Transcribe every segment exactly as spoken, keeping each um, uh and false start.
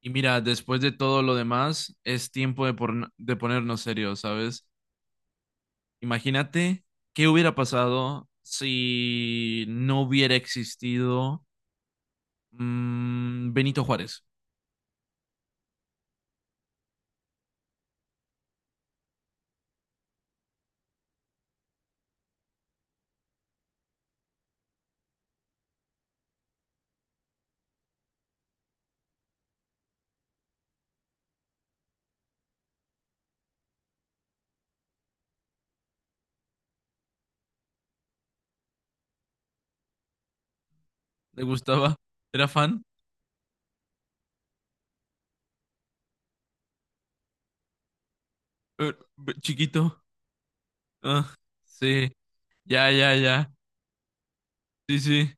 Y mira, después de todo lo demás, es tiempo de, porn- de ponernos serios, ¿sabes? Imagínate qué hubiera pasado si no hubiera existido mm, Benito Juárez. ¿Le gustaba? ¿Era fan? Eh, be- chiquito. Ah, sí. Ya, ya, ya. Sí, sí.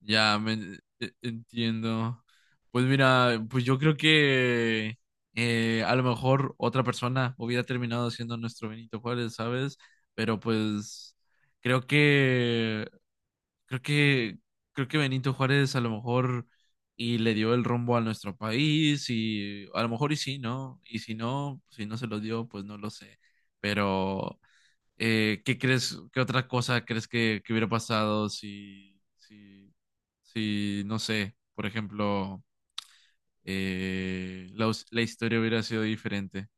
Ya, me, e- entiendo. Pues mira, pues yo creo que eh, a lo mejor otra persona hubiera terminado siendo nuestro Benito Juárez, ¿sabes? Pero pues creo que creo que creo que Benito Juárez a lo mejor y le dio el rumbo a nuestro país y a lo mejor y sí, ¿no? Y si no, si no se lo dio, pues no lo sé. Pero eh, ¿qué crees, qué otra cosa crees que, que hubiera pasado si, si, si, no sé, por ejemplo, eh, la, hus- la historia hubiera sido diferente?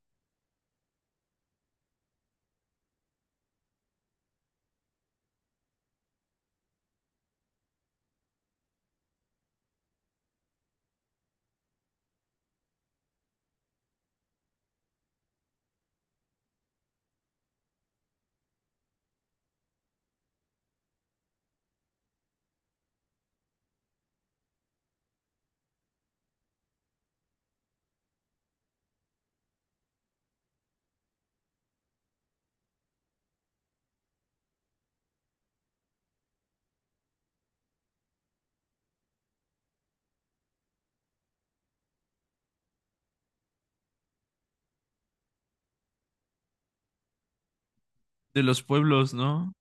De los pueblos, ¿no?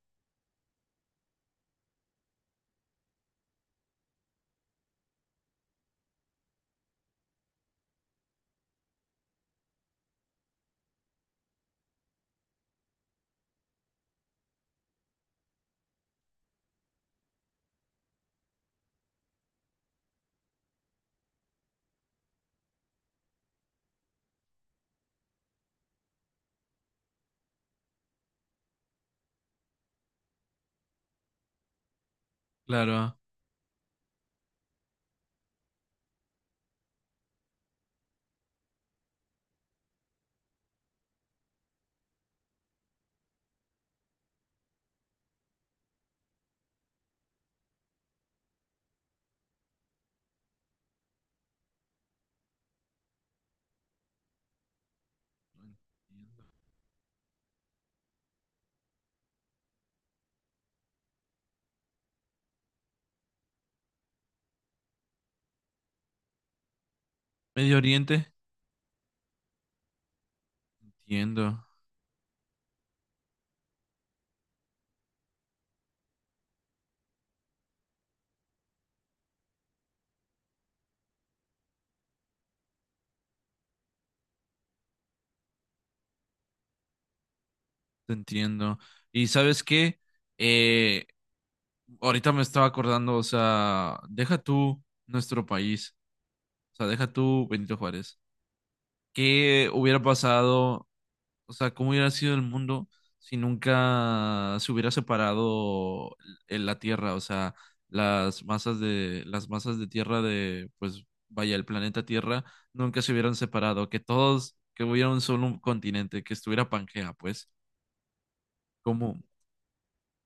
Claro. Medio Oriente. Entiendo, te entiendo. Y sabes qué. Eh, Ahorita me estaba acordando, o sea, deja tú nuestro país, o sea, deja tú Benito Juárez. ¿Qué hubiera pasado? O sea, ¿cómo hubiera sido el mundo si nunca se hubiera separado en la Tierra? O sea, las masas de, las masas de Tierra de, pues, vaya, el planeta Tierra nunca se hubieran separado, que todos, que hubiera un solo continente, que estuviera Pangea, pues, como,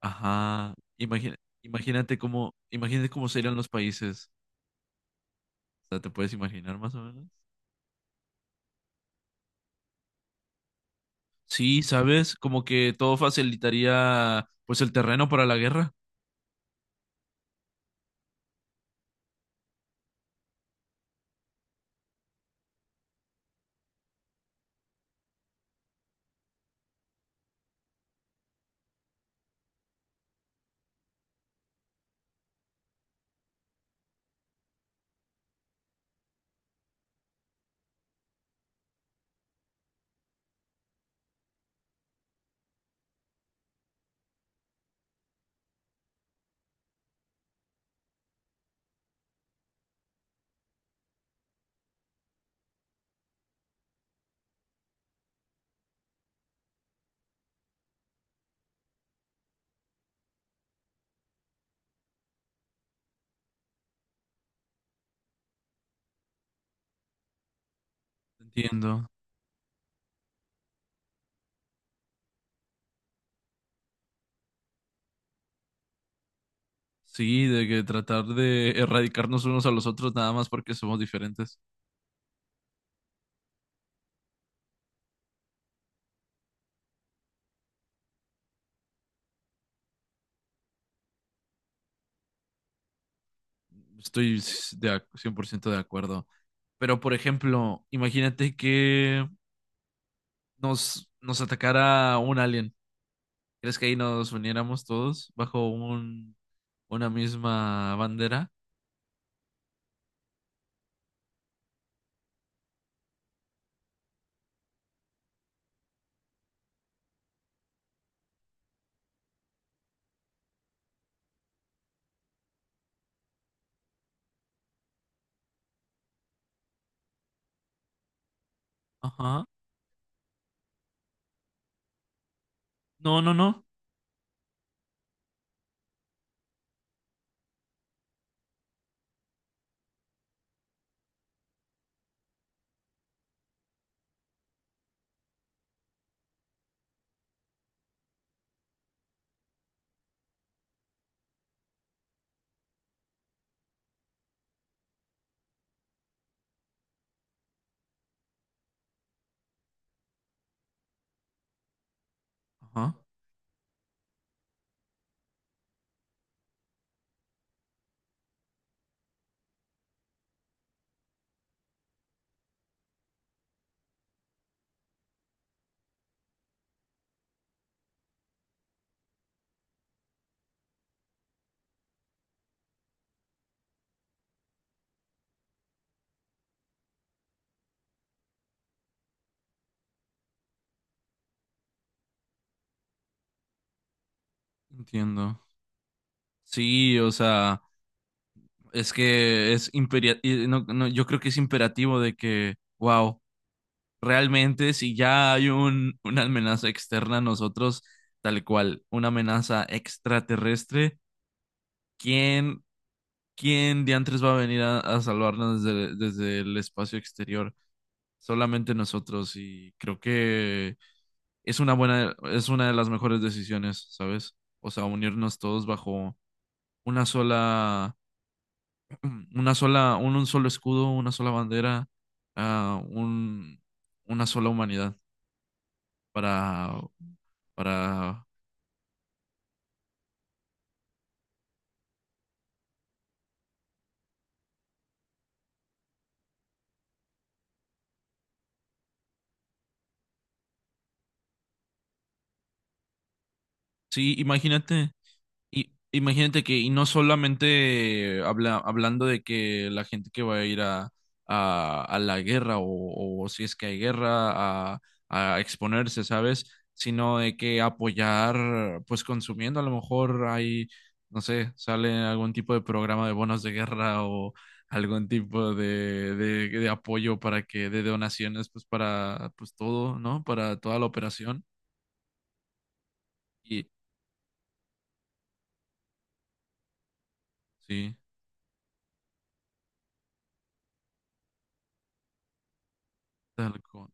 ajá, imagina- imagínate cómo, imagínate cómo serían los países. O sea, ¿te puedes imaginar más o menos? Sí, ¿sabes? Como que todo facilitaría, pues, el terreno para la guerra. Entiendo. Sí, de que tratar de erradicarnos unos a los otros nada más porque somos diferentes. Estoy s- de ac- cien por ciento de acuerdo. Pero, por ejemplo, imagínate que nos, nos atacara un alien. ¿Crees que ahí nos uniéramos todos bajo un, una misma bandera? Ajá. No, no, no. Ajá. Entiendo. Sí, o sea, es que es imperia- y no- no, yo creo que es imperativo de que, wow. Realmente si ya hay un, una amenaza externa a nosotros, tal cual, una amenaza extraterrestre, ¿quién, ¿quién diantres va a venir a, a salvarnos desde, desde el espacio exterior? Solamente nosotros y creo que es una buena, es una de las mejores decisiones, ¿sabes? O sea, unirnos todos bajo una sola, una sola, un, un solo escudo, una sola bandera, ah, un, una sola humanidad. para, para, sí, imagínate, y, imagínate que, y no solamente habla, hablando de que la gente que va a ir a, a, a la guerra o, o si es que hay guerra, a, a exponerse, ¿sabes? Sino de que apoyar, pues consumiendo, a lo mejor hay, no sé, sale algún tipo de programa de bonos de guerra o algún tipo de, de, de apoyo para que, de donaciones, pues para, pues todo, ¿no? Para toda la operación. Y sí, tal cual.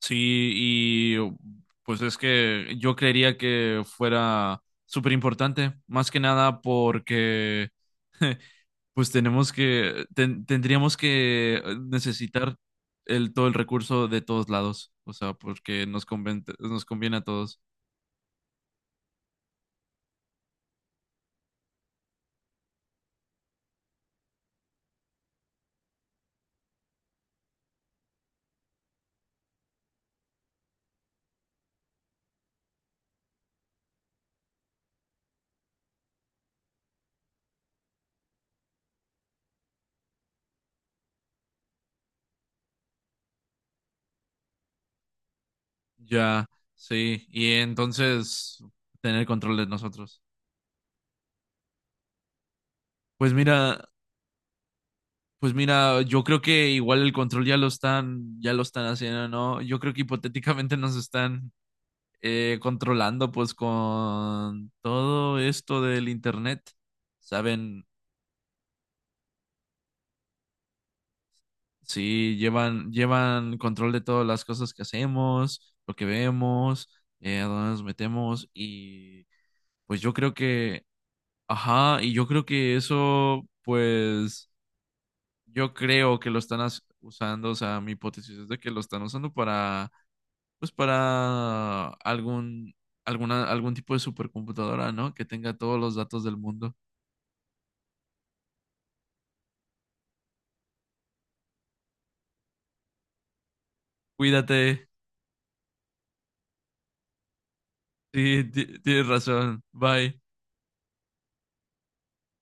Sí, y oh, pues es que yo creería que fuera súper importante, más que nada porque pues tenemos que, ten- tendríamos que eh, necesitar el, todo el recurso de todos lados, o sea, porque nos conviene, nos conviene a todos. Ya, sí, y entonces tener control de nosotros. Pues mira, pues mira, yo creo que igual el control ya lo están, ya lo están haciendo, ¿no? Yo creo que hipotéticamente nos están eh, controlando, pues, con todo esto del internet. Saben, sí, llevan, llevan control de todas las cosas que hacemos, lo que vemos, eh, a dónde nos metemos, y pues yo creo que, ajá, y yo creo que eso, pues, yo creo que lo están as- usando, o sea, mi hipótesis es de que lo están usando para pues para algún, alguna, algún tipo de supercomputadora, ¿no? Que tenga todos los datos del mundo. Cuídate. Sí, ti- tienes razón. Bye.